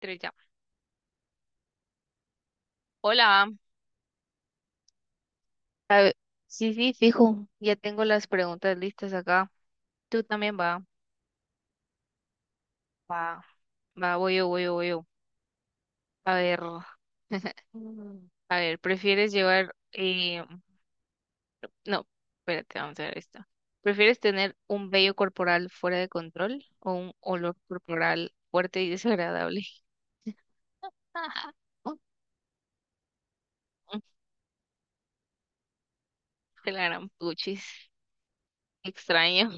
Tres ya. Hola. Sí, sí, fijo. Ya tengo las preguntas listas acá. Tú también va. Va. Va, voy yo, voy yo, voy yo. A ver. Mm. A ver, ¿prefieres llevar, no, espérate, vamos a ver esta. ¿Prefieres tener un vello corporal fuera de control o un olor corporal fuerte y desagradable? De la gran puchis. Extraño.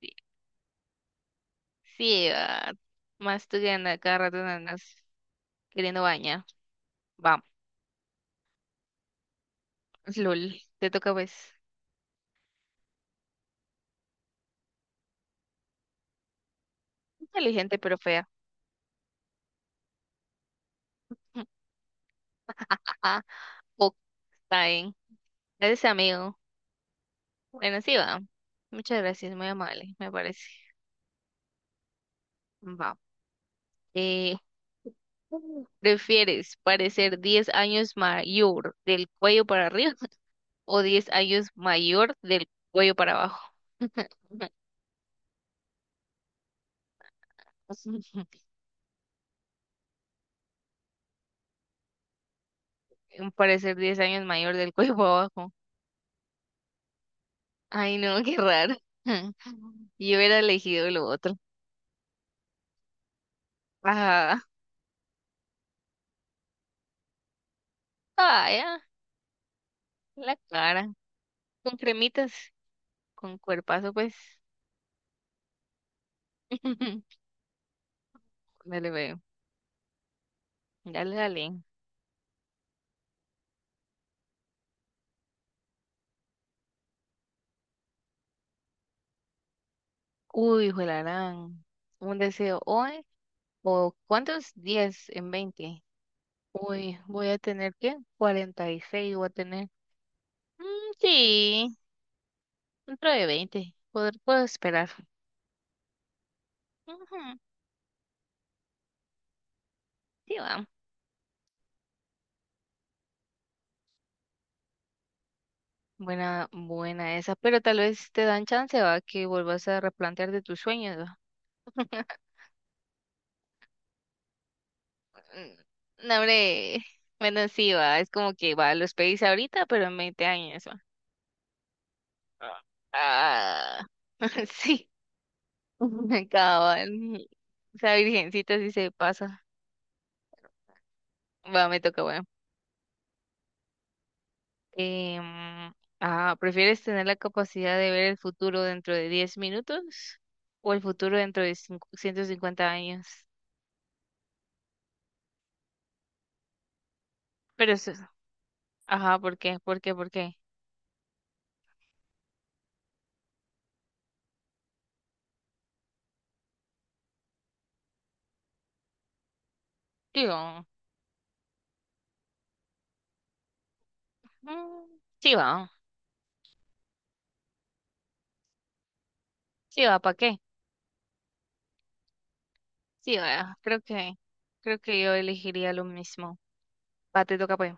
Sí, sí, va. Más tú que andas cada rato andas queriendo bañar. Vamos, LOL. Te toca pues. Inteligente pero fea. Ah, ok, está bien. Gracias, amigo. Bueno, sí va. Muchas gracias, muy amable, me parece. Va. Eh, ¿prefieres parecer 10 años mayor del cuello para arriba o 10 años mayor del cuello para abajo? Parecer 10 años mayor del cuello para abajo. Ay, no, qué raro. Yo hubiera elegido lo otro. Ajá. Ah, ya, la cara. Con cremitas, con cuerpazo, pues. Dale, veo. Dale, dale. Uy, juelarán. Un deseo hoy. ¿O cuántos? 10 en 20. Uy, voy a tener que seis voy a tener. Mm, sí, dentro de 20, puedo esperar. Ujú, sí, va. Buena, buena esa. Pero tal vez te dan chance, va, que vuelvas a replantear de tus sueños, va. No, hombre. Bueno, sí, va. Es como que va, los pedís ahorita, pero en 20 años. Ah, sí, cabal. Esa virgencita sí se pasa. Va, me toca, bueno. Em, ¿Prefieres tener la capacidad de ver el futuro dentro de 10 minutos o el futuro dentro de 150 años? Pero eso, ajá, ¿por qué? ¿Por qué? ¿Por qué? Digo, mm, sí va, sí va, ¿para qué? Sí va, creo que yo elegiría lo mismo. Va, te toca, pues.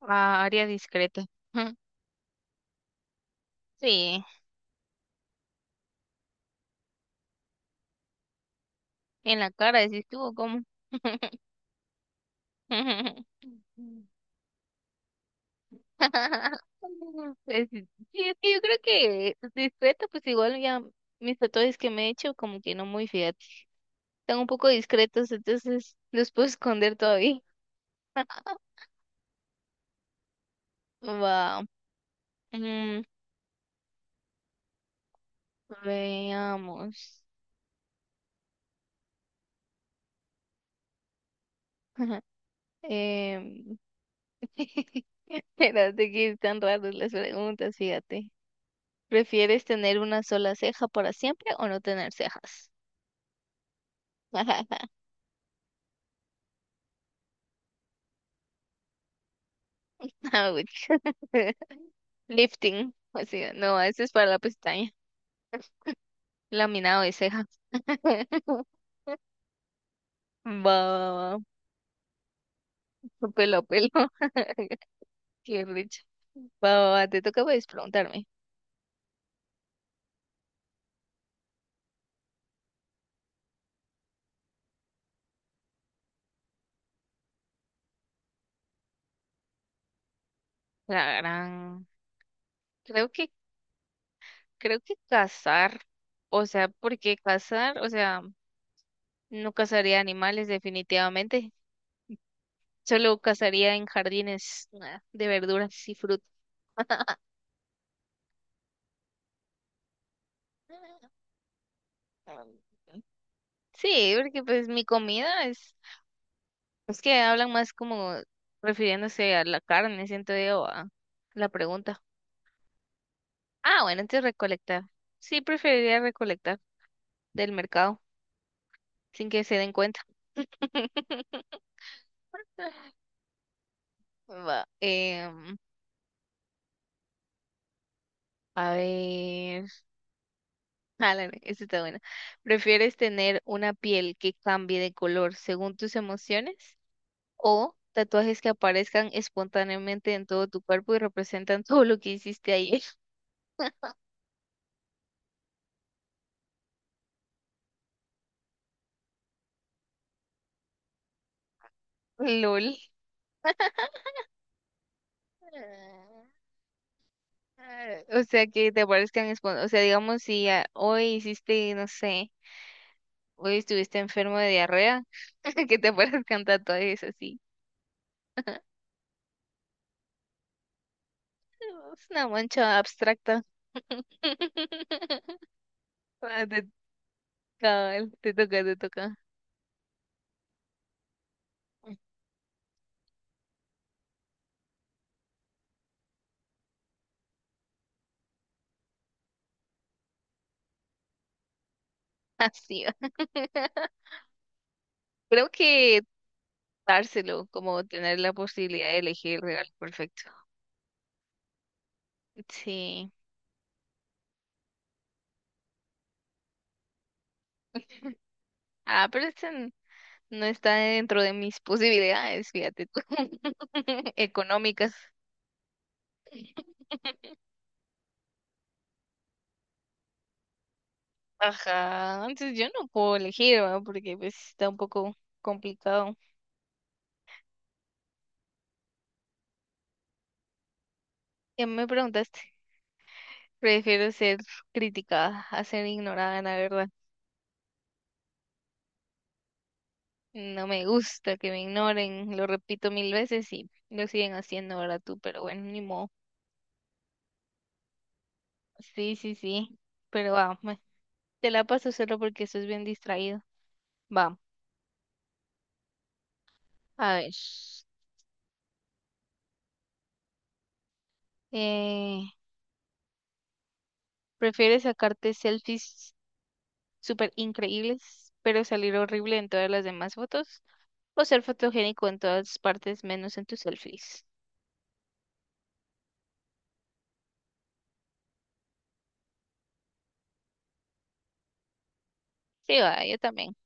Ah, área discreta. Sí, en la cara, decís tú, o ¿cómo? Pues, sí, sí, es que yo creo que discreto, pues igual ya mis tatuajes que me he hecho, como que no muy, fíjate. Están un poco discretos, entonces los puedo esconder todavía. Wow. Mm, veamos. Em, espérate que están raras las preguntas, fíjate. ¿Prefieres tener una sola ceja para siempre o no tener cejas? Ouch. Lifting. O sea, no, ese es para la pestaña. Laminado de ceja. Va, va, va. Pelo, pelo. Qué rico. Va, va, va, te toca pues preguntarme. La gran. Creo que, creo que cazar. O sea, porque cazar, o sea, no cazaría animales definitivamente. Solo cazaría en jardines de verduras y frutas. Sí, porque pues mi comida es que hablan más como refiriéndose a la carne, siento yo, a la pregunta. Ah, bueno, entonces recolectar. Sí, preferiría recolectar del mercado sin que se den cuenta. Va, a ver, álale, esta está buena. ¿Prefieres tener una piel que cambie de color según tus emociones o tatuajes que aparezcan espontáneamente en todo tu cuerpo y representan todo lo que hiciste ayer? LOL. Ah, o sea, que te parezcan o sea, digamos, si hoy hiciste, no sé, hoy estuviste enfermo de diarrea, que te parezcan tatuajes así. Es una mancha abstracta. Ah, cabal, te toca, te toca. Así va. Creo que dárselo, como tener la posibilidad de elegir el regalo perfecto. Sí. Ah, pero no está dentro de mis posibilidades, fíjate tú, económicas. Ajá, entonces yo no puedo elegir, ¿verdad? Porque pues está un poco complicado. Ya me preguntaste, prefiero ser criticada a ser ignorada, la verdad. No me gusta que me ignoren, lo repito 1000 veces y lo siguen haciendo, ¿ahora tú? Pero bueno, ni modo. Sí, sí, sí, pero va, te la paso solo porque eso es bien distraído. Va, a ver. Eh, Prefieres sacarte selfies súper increíbles, pero salir horrible en todas las demás fotos, o ser fotogénico en todas partes menos en tus selfies. Sí, va, yo también.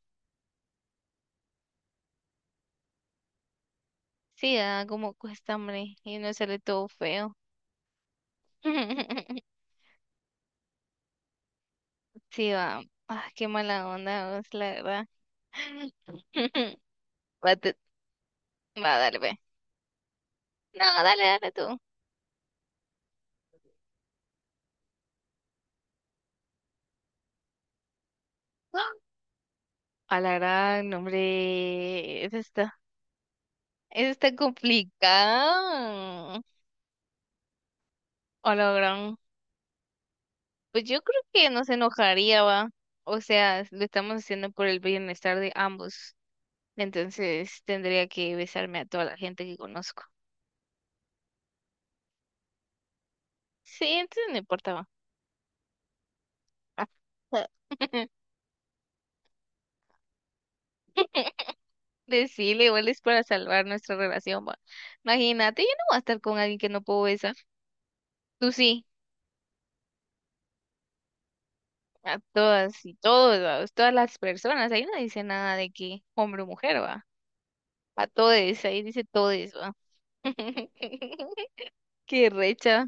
Sí, va, como cuesta, hombre, y no sale todo feo. Sí, va. Ah, qué mala onda, vos, la verdad. Va, va, dale, ve. No, dale, dale tú. ¡Ah! A la gran, hombre, eso está complicado. A la gran. Pues yo creo que nos enojaría, va. O sea, lo estamos haciendo por el bienestar de ambos. Entonces tendría que besarme a toda la gente que conozco. Sí, entonces no importa, va. Ah. Decirle, igual es para salvar nuestra relación, va. Imagínate, yo no voy a estar con alguien que no puedo besar. Tú sí, a todas y todos, va, todas las personas. Ahí no dice nada de que hombre o mujer, va. A todes, ahí dice todes, va. Qué recha.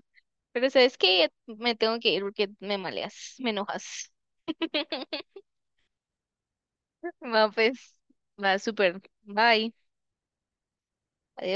Pero sabes que me tengo que ir porque me maleas, me enojas. Va, pues, va súper. Bye. Adiós.